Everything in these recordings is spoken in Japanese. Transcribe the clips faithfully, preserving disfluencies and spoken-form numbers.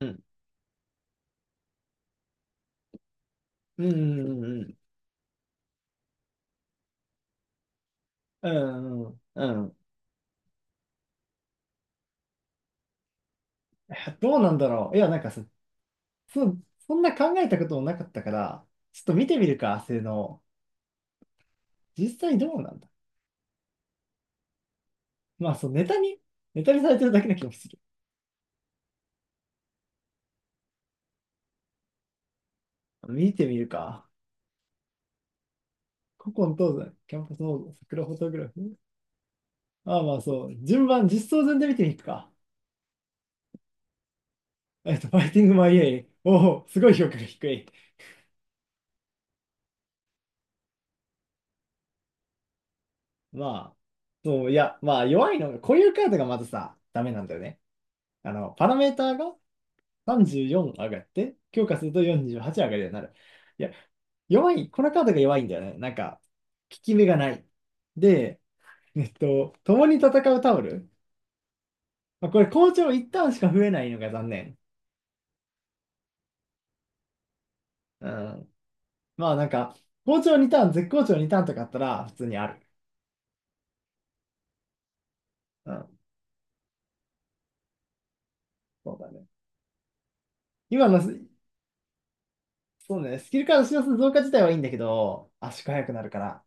うん。うん。うん。うん。うんうん。どうなんだろう。いや、なんかそ、そ、そんな考えたこともなかったから、ちょっと見てみるか、明のを。実際どうなんだ。まあ、そう、ネタに、ネタにされてるだけな気もする。見てみるか。古今東西、キャンパスモード、桜フォトグラフ。ああ、まあそう。順番、実装順で見てみるか。えっと、ファイティングマイエイ。おお、すごい評価が低い。まあ、そう、いや、まあ、弱いのが、こういうカードがまずさ、ダメなんだよね。あの、パラメーターが、さんじゅうよん上がって、強化するとよんじゅうはち上がるようになる。いや、弱い、このカードが弱いんだよね。なんか、効き目がない。で、えっと、共に戦うタオル。まあ、これ、好調いちターンしか増えないのが残念。うん。まあ、なんか、好調にターン、絶好調にターンとかあったら、普通にある。うん。そうだね。今の、そうね、スキルカード使用数増加自体はいいんだけど、圧縮速くなるから。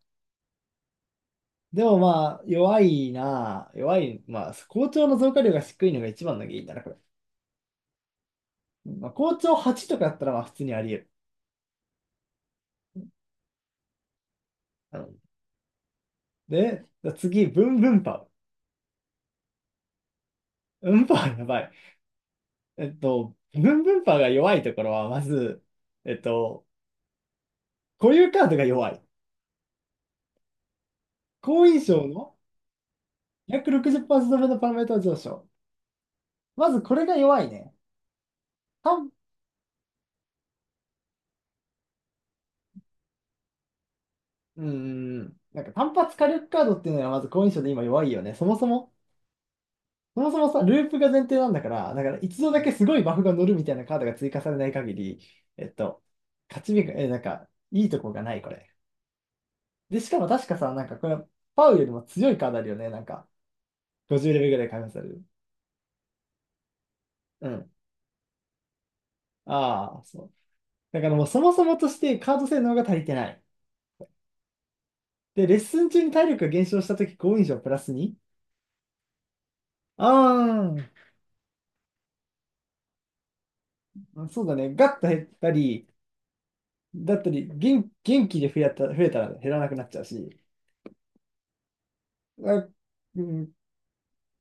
でもまあ、弱いなあ、弱い、まあ、好調の増加量が低いのが一番の原因だな、これ。まあ、校長はちとかだったらまあ普通にあり得る。で、じゃあ次、ブンブンパウ。ブンパウやばい。えっと、ブンブンパウが弱いところは、まず、えっと、固有カードが弱い。好印象のひゃくろくじゅうパーセント分のパラメータ上昇。まずこれが弱いね。単、うーん、なんか単発火力カードっていうのはまず好印象で今弱いよね。そもそもそもそもさ、ループが前提なんだから、だから一度だけすごいバフが乗るみたいなカードが追加されない限り、えっと、勝ち目が、え、なんか、いいとこがない、これ。で、しかも確かさ、なんかこれ、パウよりも強いカードあるよね、なんか、ごじゅうレベルぐらい加味される。うん。ああ、そう。だからもうそもそもとしてカード性能が足りてない。で、レッスン中に体力が減少したとき、ご印象プラスに。ああ、そうだね。ガッと減ったり、だったり、元、元気で増えた、増えたら減らなくなっちゃうし、あ、うん。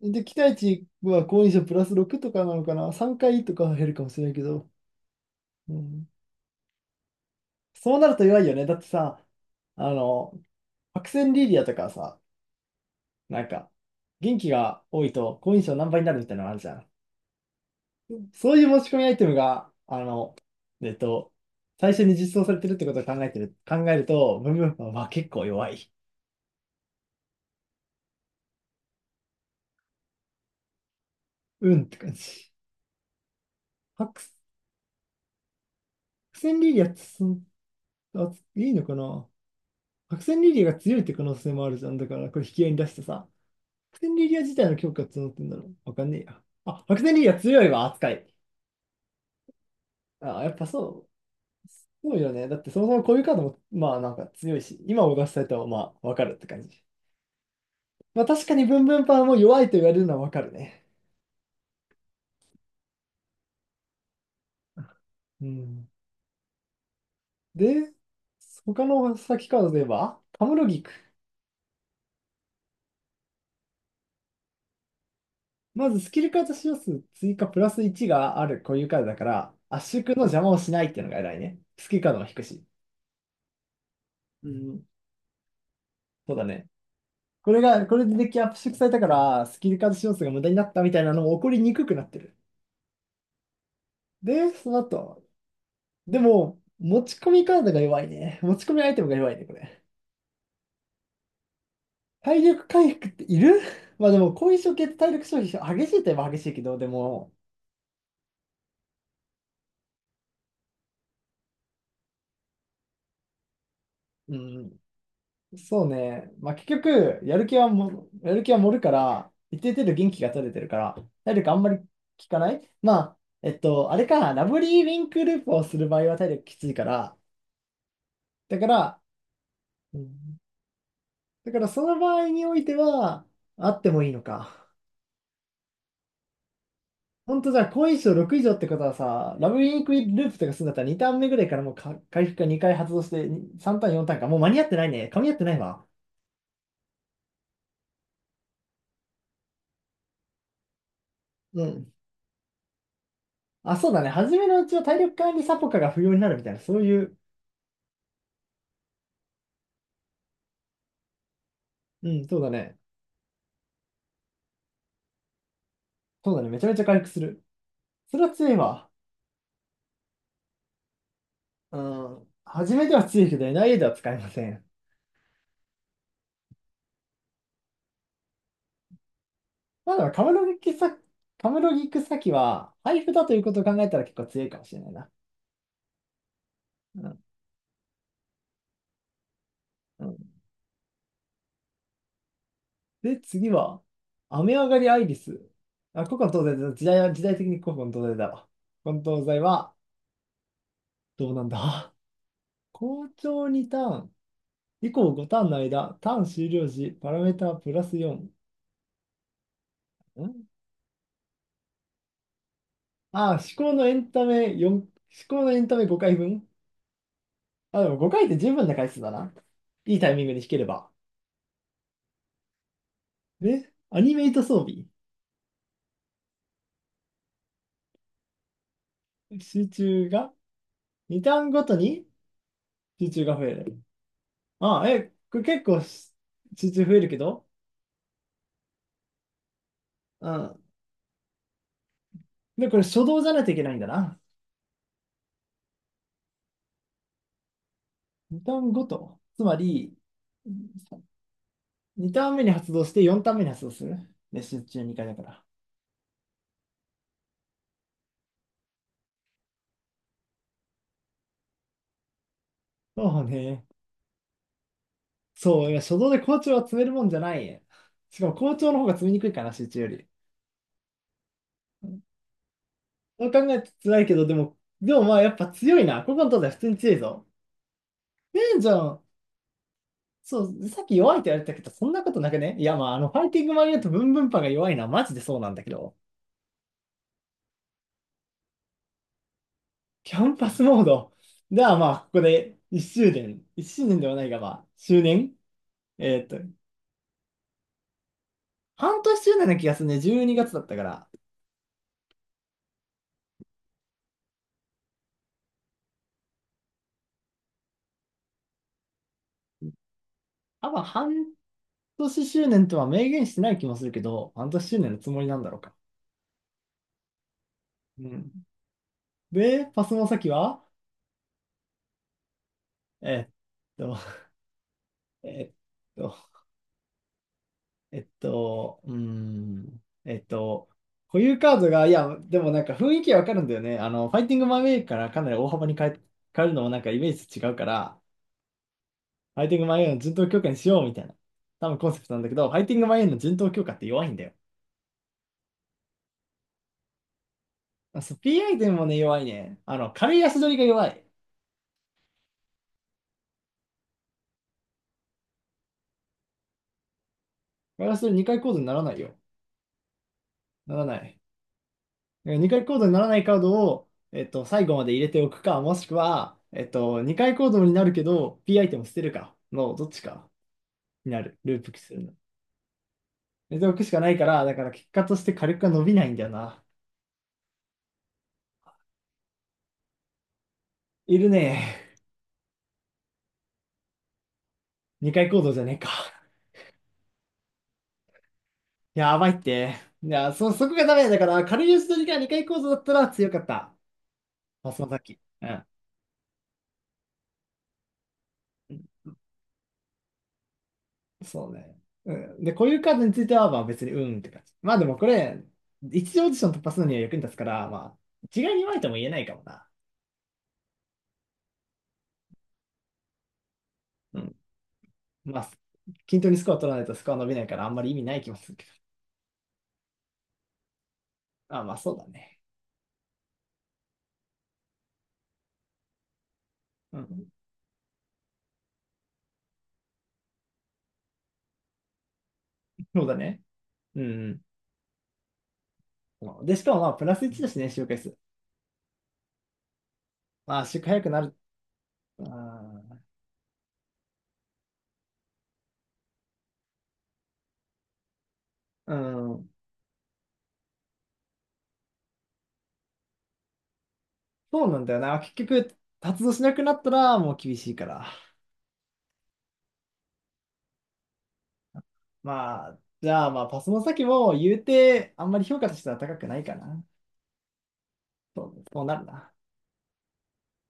で、期待値は好印象プラスろくとかなのかな ?さん 回とかは減るかもしれないけど、うん、そうなると弱いよね。だってさ、あの、白線リリアとかさ、なんか、元気が多いと好印象何倍になるみたいなのあるじゃん。そういう持ち込みアイテムが、あの、えっと、最初に実装されてるってことを考えてる、考えると、ブンブンパンは結構弱い。うんって感じ。白線リリアってそん、あ、いいのかな。白線リリアが強いって可能性もあるじゃん。だから、これ引き合いに出してさ。白線リリア自体の強化募ってんだろう。わかんねえや。あ、白線リリア強いわ、扱い。あ、やっぱそう。そうよね。だってそもそもこういうカードも、まあなんか強いし、今を出したいとはまあわかるって感じ。まあ確かにブンブンパンも弱いと言われるのはわかるね。うん。で、他の先カードで言えば、カムロギク。まずスキルカード使用数追加プラスいちがあるこういうカードだから、圧縮の邪魔をしないっていうのが偉いね。スキルカードも引くし。うん、そうだね。これが、これでデッキアップ縮されたから、スキル数要素が無駄になったみたいなのも起こりにくくなってる。で、その後、でも、持ち込みカードが弱いね。持ち込みアイテムが弱いね、これ。体力回復っている。 まあでも、後遺症系って体力消費激しいといえば激しいけど、でも、うん、そうね。まあ結局、やる気はも、やる気は盛るから、一定程度元気が取れてるから、体力あんまり効かない。まあ、えっと、あれか、ラブリーウィンクループをする場合は体力きついから、だから、うん、だからその場合においては、あってもいいのか。ほんとじゃあ、ご以上、ろく以上ってことはさ、ラブインクループとかするんだったらにターン目ぐらいからもうか回復がにかい発動してにさんターン、よんターンか。もう間に合ってないね。噛み合ってないわ。うん。あ、そうだね。初めのうちは体力管理サポカが不要になるみたいな、そういう。うん、そうだね。そうだね。めちゃめちゃ回復する。それは強いわ。うん。初めでは強いけど、エヌアイエーでは使えません。まあでも、カムロギクサ、カムロギクサキは、配布だということを考えたら結構強いかもしれないな。うんうん。で、次は、雨上がりアイリス。あ、古今東西だ。時代は、時代的に古今東西だわ。古今東西は、どうなんだ。 校長にターン、以降ごターンの間、ターン終了時、パラメータプラスよん。んあ、思考のエンタメよん、思考のエンタメごかいぶん。あ、でもごかいって十分な回数だな。いいタイミングに弾ければ。で、アニメイト装備。集中が、にターンごとに集中が増える。あ、え、これ結構し集中増えるけど、うん。で、これ初動じゃないといけないんだな。にターンごと。つまり、にターン目に発動してよんターン目に発動する。練習中にかいだから。そうね。そう、いや、初動で校長は詰めるもんじゃない。しかも校長の方が詰めにくいかな、集中より。そう考えると辛いけど、でも、でも、まあやっぱ強いな。ここの東西普通に強いぞ。ええじゃん。そう、さっき弱いって言われたけど、そんなことなくね。いやまあ、あの、ファイティングマリアとブンブンパンが弱いのはマジでそうなんだけど。キャンパスモード。ではまあ、ここでいっしゅうねん、いっしゅうねんではないが、まあ、周年、えーっと、半年周年な気がするね。じゅうにがつだったから。多分半年周年とは明言してない気もするけど、半年周年のつもりなんだろうか。うん。で、パスの先は、えーっと、えーっと、えーっと、うーん、えーっと、固有カードが、いや、でもなんか雰囲気わかるんだよね。あの、ファイティングマンウェイからかなり大幅に変え、変えるのもなんかイメージ違うから、ファイティングマイエンの人頭強化にしようみたいな。多分コンセプトなんだけど、ファイティングマイエンの人頭強化って弱いんだよ。あ、そう、P アイテムもね、弱いね。あの、軽い足取りが弱い。ガ取りにかいコードにならないよ。ならない。にかいコードにならないカードを、えっと、最後まで入れておくか、もしくは、えっと、にかいコードになるけど、P アイテム捨てるかの、どっちかになる。ループするの。入れておくしかないから、だから結果として火力が伸びないんだよな。いるね。にかいコードじゃねえか。やばいって。いや、そ、そこがダメだから、軽い打ち取りがにかい構造だったら強かった。パスの先。うん。そうね。うん。で、こういうカードについては、まあ別にうんって感じ。まあでもこれ、一次オーディション突破するのには役に立つから、まあ、一概に言われても言えないかもな。うん。まあ、均等にスコア取らないとスコア伸びないから、あんまり意味ない気もするけど。あ、まあそうだね。うん。そうだね。うん。うん。で、しかもまあ、プラスいちだしね、周回数。まあ、周回速くなる。あー、うん。そうなんだよな。結局、発動しなくなったらもう厳しいから。まあ、じゃあまあ、パスの先も言うて、あんまり評価としては高くないかな。そう、そうなるな。